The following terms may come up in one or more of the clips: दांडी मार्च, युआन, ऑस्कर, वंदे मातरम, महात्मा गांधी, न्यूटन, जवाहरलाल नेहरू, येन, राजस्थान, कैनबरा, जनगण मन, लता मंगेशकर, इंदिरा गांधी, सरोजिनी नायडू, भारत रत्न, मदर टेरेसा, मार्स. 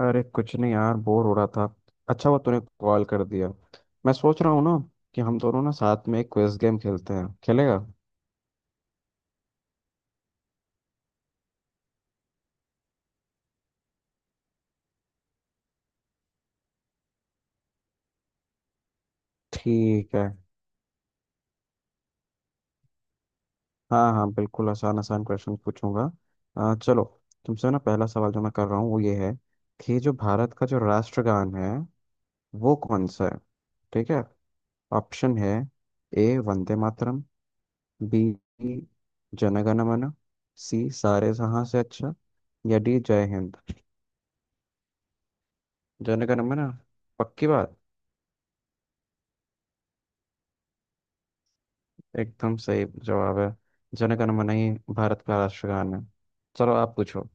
अरे कुछ नहीं यार, बोर हो रहा था। अच्छा हुआ तूने कॉल कर दिया। मैं सोच रहा हूँ ना कि हम दोनों ना साथ में एक क्विज गेम खेलते हैं, खेलेगा? ठीक है। हाँ हाँ, बिल्कुल आसान आसान क्वेश्चन पूछूंगा। चलो। तुमसे ना पहला सवाल जो मैं कर रहा हूँ वो ये है कि जो भारत का जो राष्ट्रगान है वो कौन सा है? ठीक है। ऑप्शन है। ए वंदे मातरम, बी जनगण मन, सी सारे जहां से अच्छा, या डी जय हिंद। जनगण मन? पक्की बात। एकदम सही जवाब है। जन गण मन ही भारत का राष्ट्रगान है। चलो आप पूछो।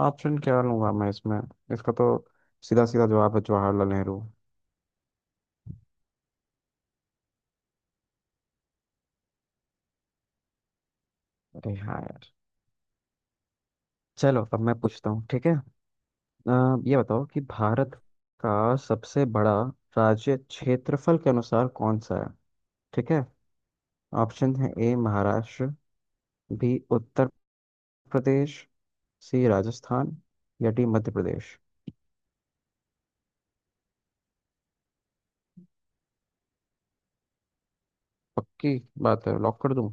ऑप्शन क्या लूंगा मैं इसमें? इसका तो सीधा सीधा जवाब है, जवाहरलाल नेहरू। अरे हाँ यार। चलो अब मैं पूछता हूँ, ठीक है? अ, ये बताओ कि भारत का सबसे बड़ा राज्य क्षेत्रफल के अनुसार कौन सा है? ठीक है। ऑप्शन है A Maharashtra, B Uttar Pradesh, C राजस्थान, या डी मध्य प्रदेश। पक्की बात है, लॉक कर दूं?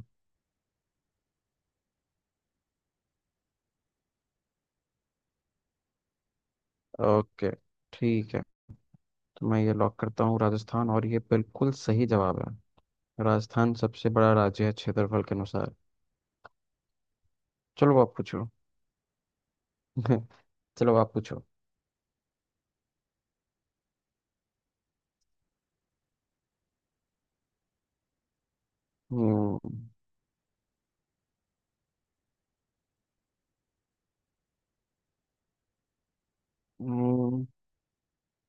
ओके ठीक है। तो मैं ये लॉक करता हूँ राजस्थान, और ये बिल्कुल सही जवाब है। राजस्थान सबसे बड़ा राज्य है क्षेत्रफल के अनुसार। चलो आप पूछो। चलो आप पूछो। हम्म।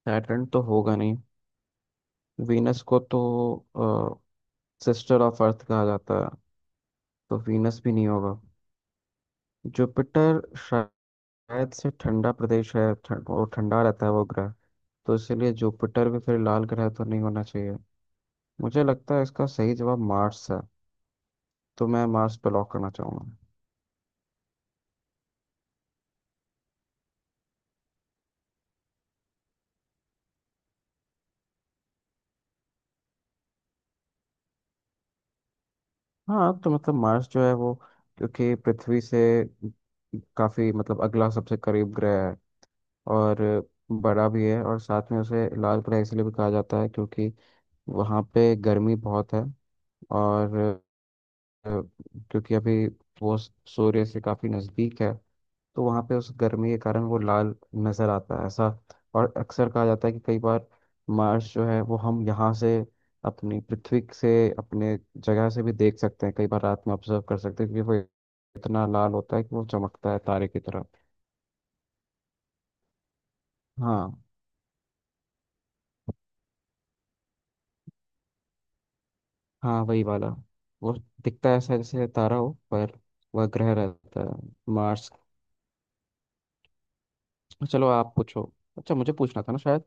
सैटर्न तो होगा नहीं। वीनस को तो सिस्टर ऑफ अर्थ कहा जाता है, तो वीनस भी नहीं होगा। जुपिटर शायद से ठंडा प्रदेश है, वो ठंडा रहता है वो ग्रह। तो इसलिए जुपिटर भी फिर लाल ग्रह तो नहीं होना चाहिए। मुझे लगता है इसका सही जवाब मार्स है। तो मैं मार्स पे लॉक करना चाहूंगा। हाँ तो मतलब मार्स जो है वो, क्योंकि पृथ्वी से काफी मतलब अगला सबसे करीब ग्रह है और बड़ा भी है। और साथ में उसे लाल ग्रह इसलिए भी कहा जाता है क्योंकि वहाँ पे गर्मी बहुत है। और अ, क्योंकि अभी वो सूर्य से काफी नजदीक है, तो वहाँ पे उस गर्मी के कारण वो लाल नज़र आता है ऐसा। और अक्सर कहा जाता है कि कई बार मार्स जो है वो हम यहाँ से, अपनी पृथ्वी से, अपने जगह से भी देख सकते हैं। कई बार रात में ऑब्जर्व कर सकते हैं क्योंकि वो इतना लाल होता है कि वो चमकता है तारे की तरह। हाँ। हाँ वही वाला। वो दिखता है ऐसा जैसे तारा हो, पर वह ग्रह रहता है, मार्स। चलो आप पूछो। अच्छा मुझे पूछना था ना शायद।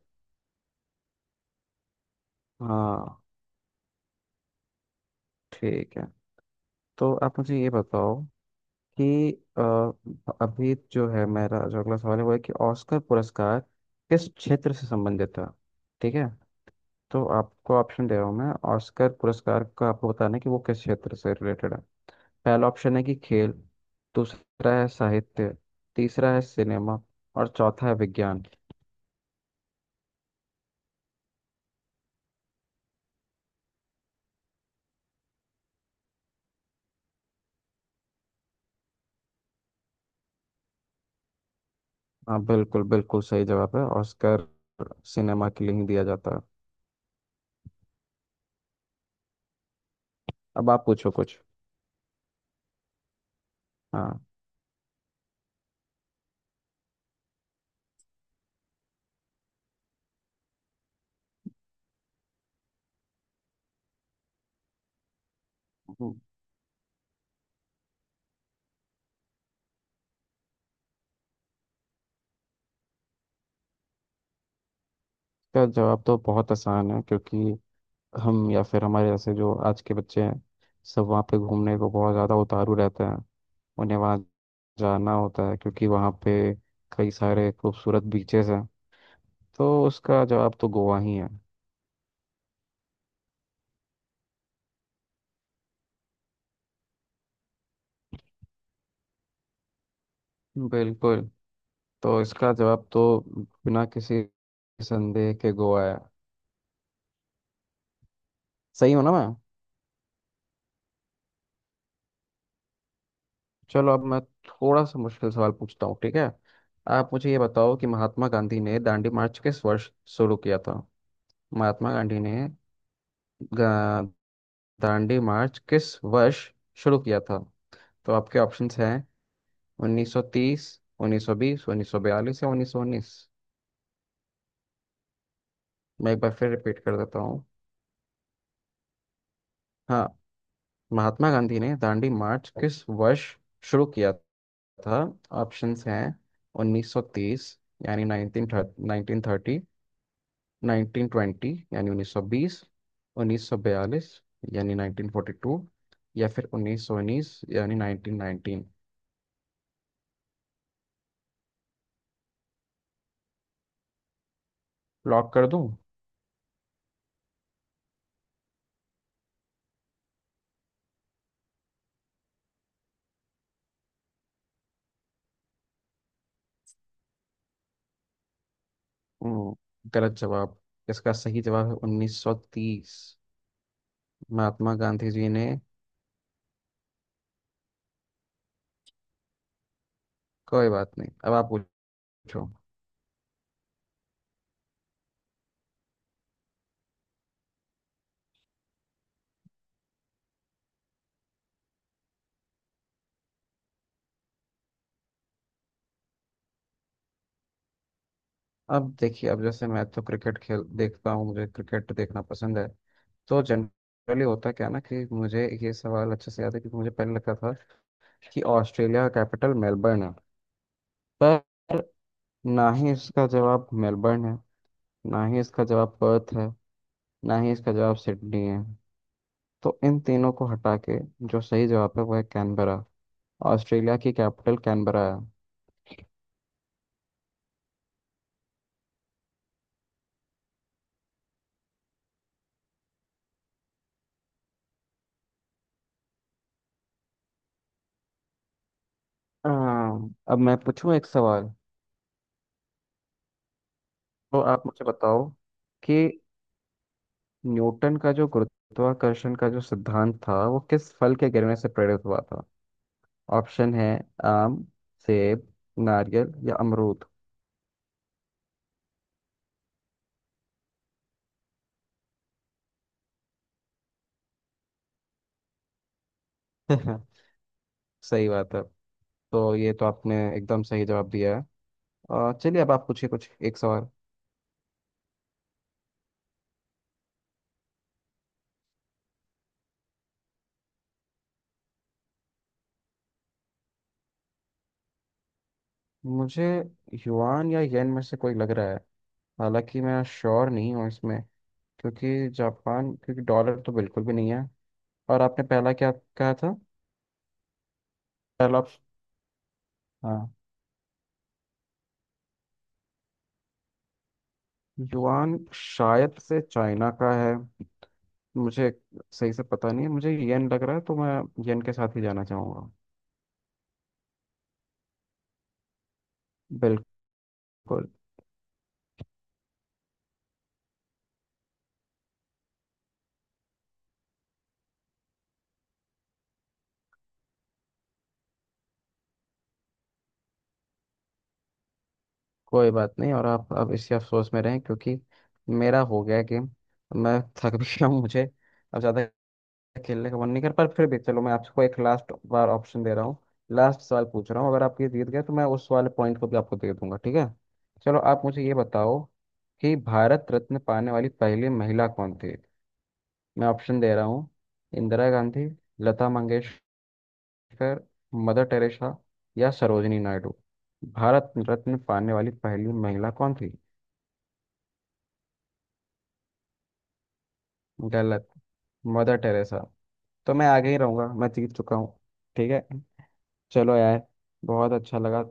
हाँ ठीक है। तो आप मुझे ये बताओ कि अ, अभी जो है मेरा जो अगला सवाल है वो है कि ऑस्कर पुरस्कार किस क्षेत्र से संबंधित है? ठीक है। तो आपको ऑप्शन दे रहा हूँ मैं। ऑस्कर पुरस्कार का आपको बताना है कि वो किस क्षेत्र से रिलेटेड है। पहला ऑप्शन है कि खेल, दूसरा है साहित्य, तीसरा है सिनेमा, और चौथा है विज्ञान। हाँ बिल्कुल बिल्कुल सही जवाब है। ऑस्कर सिनेमा के लिए ही दिया जाता है। अब आप पूछो कुछ। हाँ। इसका जवाब तो बहुत आसान है, क्योंकि हम या फिर हमारे जैसे जो आज के बच्चे हैं, सब वहाँ पे घूमने को बहुत ज़्यादा उतारू रहते हैं। उन्हें वहाँ जाना होता है क्योंकि वहाँ पे कई सारे खूबसूरत बीचेस हैं। तो उसका जवाब तो गोवा ही है। बिल्कुल। तो इसका जवाब तो बिना किसी संदेह के गोवा है। सही हूँ ना मैं? चलो अब मैं थोड़ा सा मुश्किल सवाल पूछता हूँ, ठीक है? आप मुझे ये बताओ कि महात्मा गांधी ने दांडी मार्च किस वर्ष शुरू किया था? महात्मा गांधी ने गा- दांडी मार्च किस वर्ष शुरू किया था? तो आपके ऑप्शंस हैं 1930, 1920, 1942 या 1919। मैं एक बार फिर रिपीट कर देता हूँ। हाँ। महात्मा गांधी ने दांडी मार्च किस वर्ष शुरू किया था? ऑप्शंस हैं 1930 यानी 1930, 1920 यानी 1920, 1942 यानी 1942, या फिर 1919 यानी 1919। लॉक कर दूं? हम्म, गलत जवाब। इसका सही जवाब है 1930। महात्मा गांधी जी ने। कोई बात नहीं, अब आप पूछो। अब देखिए, अब जैसे मैं तो क्रिकेट खेल देखता हूँ, मुझे क्रिकेट देखना पसंद है। तो जनरली होता क्या है ना कि मुझे ये सवाल अच्छे से याद है क्योंकि मुझे पहले लगता था कि ऑस्ट्रेलिया का कैपिटल मेलबर्न है। पर ना ही इसका जवाब मेलबर्न है, ना ही इसका जवाब पर्थ है, ना ही इसका जवाब सिडनी है। तो इन तीनों को हटा के जो सही जवाब है वो है कैनबरा। ऑस्ट्रेलिया की कैपिटल कैनबरा है। अब मैं पूछूं एक सवाल। तो आप मुझे बताओ कि न्यूटन का जो गुरुत्वाकर्षण का जो सिद्धांत था वो किस फल के गिरने से प्रेरित हुआ था? ऑप्शन है आम, सेब, नारियल या अमरूद। सही बात है। तो ये तो आपने एकदम सही जवाब दिया है। चलिए अब आप पूछिए कुछ एक सवाल। मुझे युआन या येन में से कोई लग रहा है। हालांकि मैं श्योर नहीं हूँ इसमें, क्योंकि जापान, क्योंकि डॉलर तो बिल्कुल भी नहीं है। और आपने पहला क्या कहा था? पहला। हाँ। युआन शायद से चाइना का है। मुझे सही से पता नहीं है, मुझे येन लग रहा है, तो मैं येन के साथ ही जाना चाहूँगा। बिल्कुल। कोई बात नहीं, और आप अब इसी अफसोस में रहें क्योंकि मेरा हो गया गेम। मैं थक भी गया हूँ, मुझे अब ज़्यादा खेलने का मन नहीं कर, पर फिर भी चलो मैं आपको एक लास्ट बार ऑप्शन दे रहा हूँ। लास्ट सवाल पूछ रहा हूँ। अगर आप ये जीत गए तो मैं उस वाले पॉइंट को भी आपको दे दूंगा, ठीक है? चलो आप मुझे ये बताओ कि भारत रत्न पाने वाली पहली महिला कौन थी? मैं ऑप्शन दे रहा हूँ। इंदिरा गांधी, लता मंगेशकर, मदर टेरेसा या सरोजिनी नायडू। भारत रत्न पाने वाली पहली महिला कौन थी? गलत। मदर टेरेसा। तो मैं आगे ही रहूंगा, मैं जीत चुका हूँ। ठीक है। चलो यार, बहुत अच्छा लगा।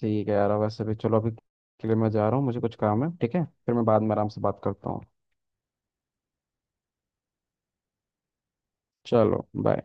ठीक है यार, वैसे भी चलो अभी के लिए मैं जा रहा हूँ, मुझे कुछ काम है, ठीक है? फिर मैं बाद में आराम से बात करता हूँ। चलो बाय।